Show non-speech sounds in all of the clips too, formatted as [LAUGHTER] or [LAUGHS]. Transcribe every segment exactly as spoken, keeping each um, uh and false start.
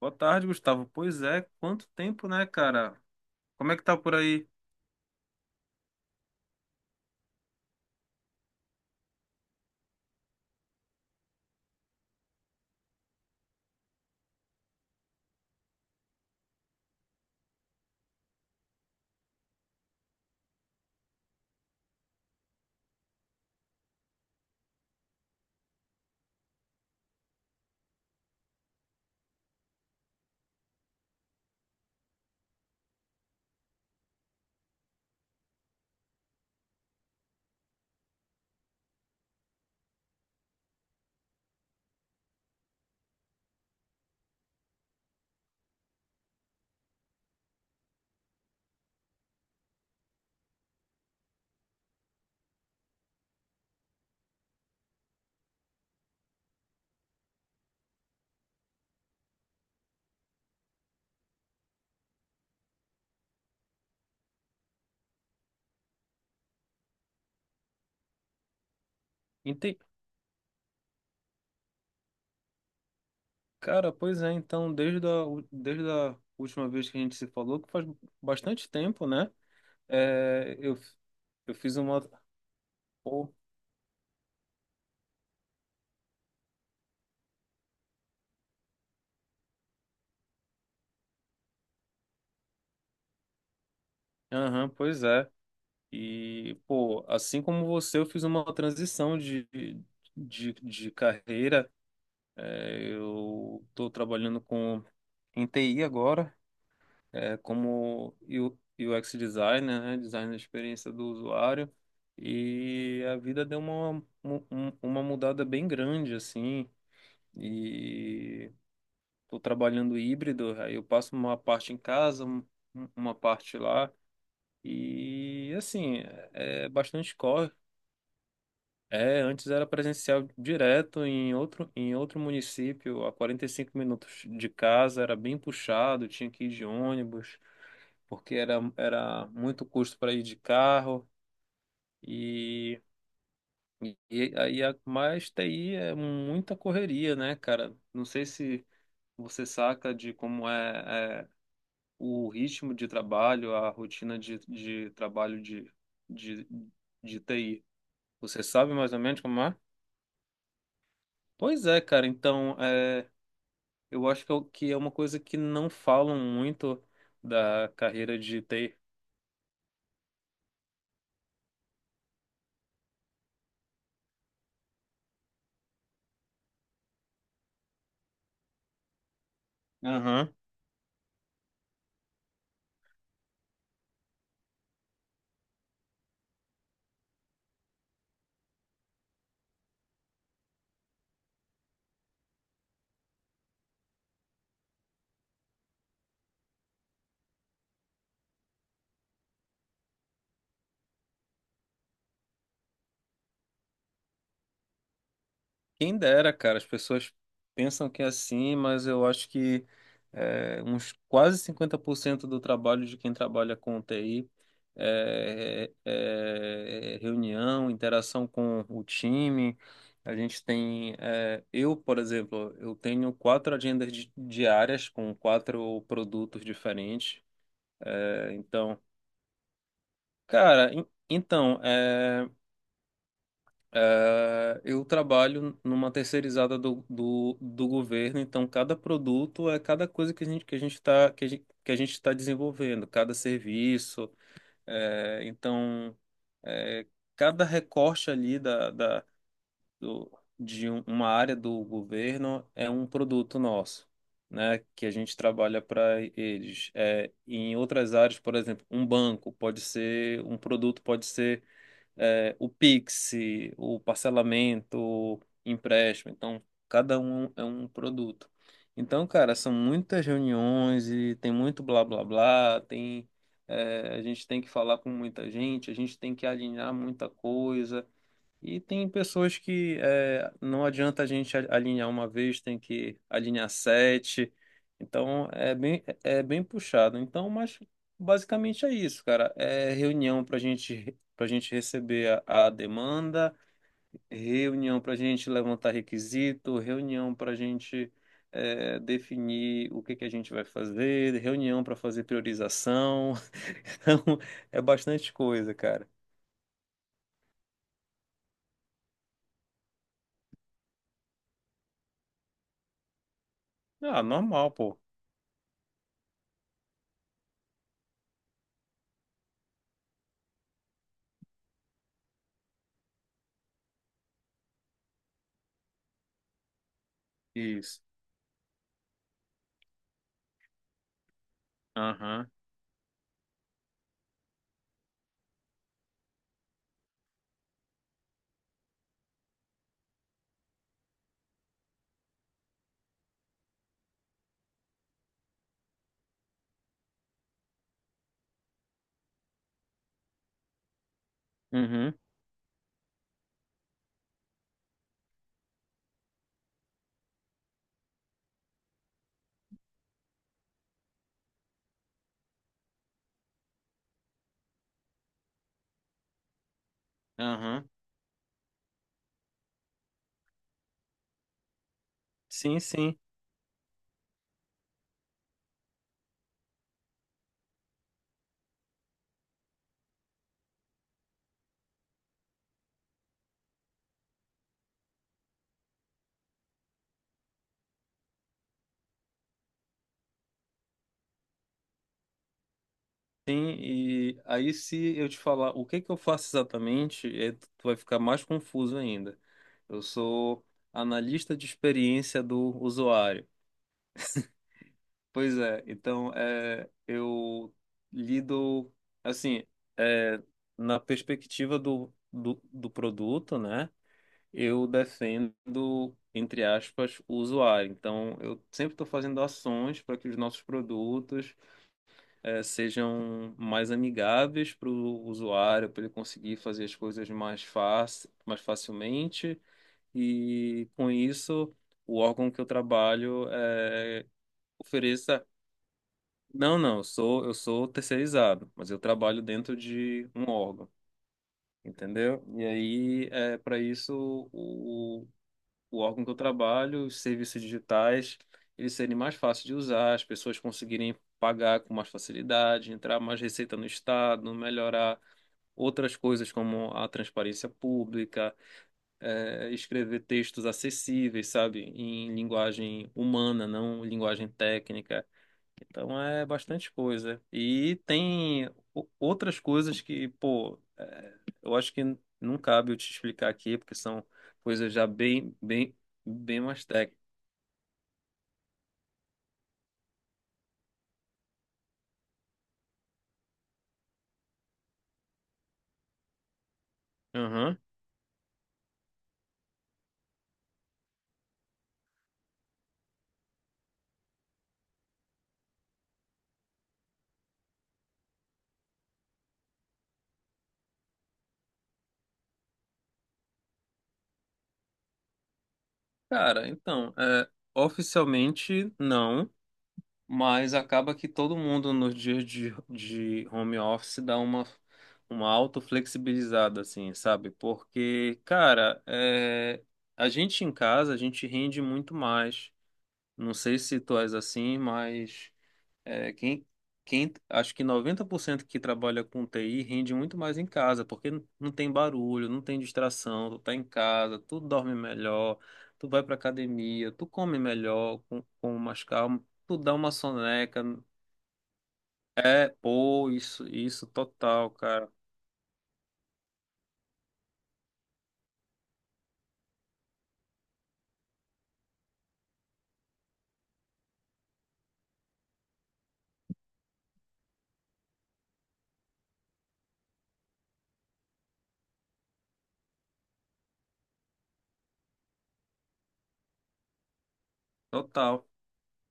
Boa tarde, Gustavo. Pois é, quanto tempo, né, cara? Como é que tá por aí? Ente- Cara, pois é, então, desde a, desde a última vez que a gente se falou, que faz bastante tempo, né? É, eu, eu fiz uma. Pô, aham, pois é. E, pô, assim como você, eu fiz uma transição de, de, de carreira. É, eu tô trabalhando com em T I agora. É, como U- UX designer, né, design da experiência do usuário, e a vida deu uma, mu- um- uma mudada bem grande, assim, e estou trabalhando híbrido, aí eu passo uma parte em casa, um- um, uma parte lá, e, assim, é é bastante corre. É, antes era presencial direto em outro, em outro município, a quarenta e cinco minutos de casa, era bem puxado, tinha que ir de ônibus, porque era, era muito custo para ir de carro e, e aí a mais T I é muita correria, né, cara? Não sei se você saca de como é, é o ritmo de trabalho, a rotina de, de trabalho de, de, de T I. Você sabe mais ou menos como é? Pois é, cara. Então, é, eu acho que é o- que é uma coisa que não falam muito da carreira de T I. Quem dera, cara, as pessoas pensam que é assim, mas eu acho que é, uns quase cinquenta por cento do trabalho de quem trabalha com T I é, é é reunião, interação com o time. A gente tem, é, eu, por exemplo, eu tenho quatro agendas di- diárias com quatro produtos diferentes. É, então, cara, en- então, eh, é, eu trabalho numa terceirizada do, do, do governo, então cada produto é cada coisa que a gente que a gente está que a gente, que a gente está desenvolvendo, cada serviço, é, então é, cada recorte ali da, da do, de um- uma área do governo é um produto nosso, né? Que a gente trabalha para eles. É, em outras áreas, por exemplo, um banco pode ser um produto pode ser eh, o Pix, o parcelamento, o empréstimo. Então, cada um é um produto. Então, cara, são muitas reuniões e tem muito blá blá blá, tem, eh, a gente tem que falar com muita gente, a gente tem que alinhar muita coisa. E tem pessoas que é, não adianta a gente a- alinhar uma vez, tem que alinhar sete. Então é bem, é bem puxado. Então, mas basicamente é isso, cara. É reunião para gente, para gente receber a, a demanda, reunião para gente levantar requisito, reunião para gente é, definir o que que a gente vai fazer, reunião para fazer priorização. [LAUGHS] Então é bastante coisa, cara. Ah, normal, pô. Isso. Aham. Uhum, aham. Sim, sim, sim. E aí, se eu te falar o que que eu faço exatamente, é, tu vai ficar mais confuso ainda. Eu sou analista de experiência do usuário. Pois é, então é, eu lido, assim, é, na perspectiva do, do, do produto, né? Eu defendo, entre aspas, o usuário. Então, eu sempre estou fazendo ações para que os nossos produtos. Eh, sejam mais amigáveis para o usuário, para ele conseguir fazer as coisas mais fácil, mais facilmente. E com isso, o órgão que eu trabalho eh, ofereça. Não, não, eu sou, eu sou terceirizado, mas eu trabalho dentro de um órgão, entendeu? E aí, é para isso, o, o órgão que eu trabalho, os serviços digitais, eles serem mais fáceis de usar, as pessoas conseguirem pagar com mais facilidade, entrar mais receita no Estado, melhorar outras coisas como a transparência pública, eh, escrever textos acessíveis, sabe, em linguagem humana, não linguagem técnica. Então é bastante coisa. E tem o- outras coisas que, pô, é, eu acho que não cabe eu te explicar aqui, porque são coisas já bem, bem, bem mais técnicas. Aham. Cara, então, é, oficialmente não, mas acaba que todo mundo nos dias de, de home office dá uma, uma auto-flexibilizada, assim, sabe? Porque, cara, é, a gente em casa, a gente rende muito mais. Não sei se tu és assim, mas é, quem, quem, acho que noventa por cento que trabalha com T I rende muito mais em casa, porque não não tem barulho, não tem distração, tu tá em casa, tu dorme melhor, tu vai pra academia, tu come melhor, com, com mais calma, tu dá uma soneca. É, pô, isso, isso, total, cara, total.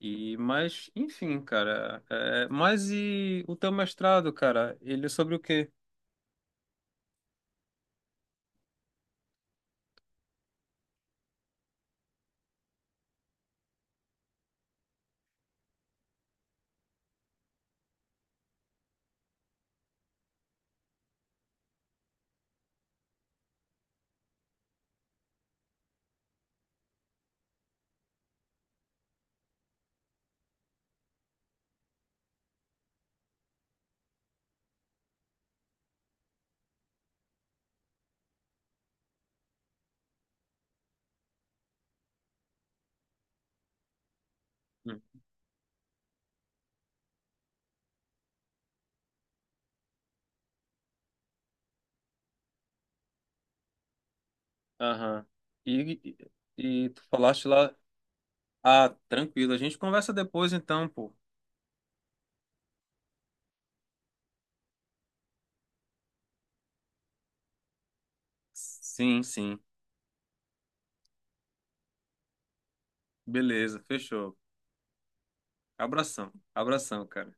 E, mas, enfim, cara, é, mas e o teu mestrado, cara, ele é sobre o quê? Aham. E, e, e tu falaste lá. Ah, tranquilo. A gente conversa depois então, pô. Sim, sim. Beleza, fechou. Abração. Abração, cara.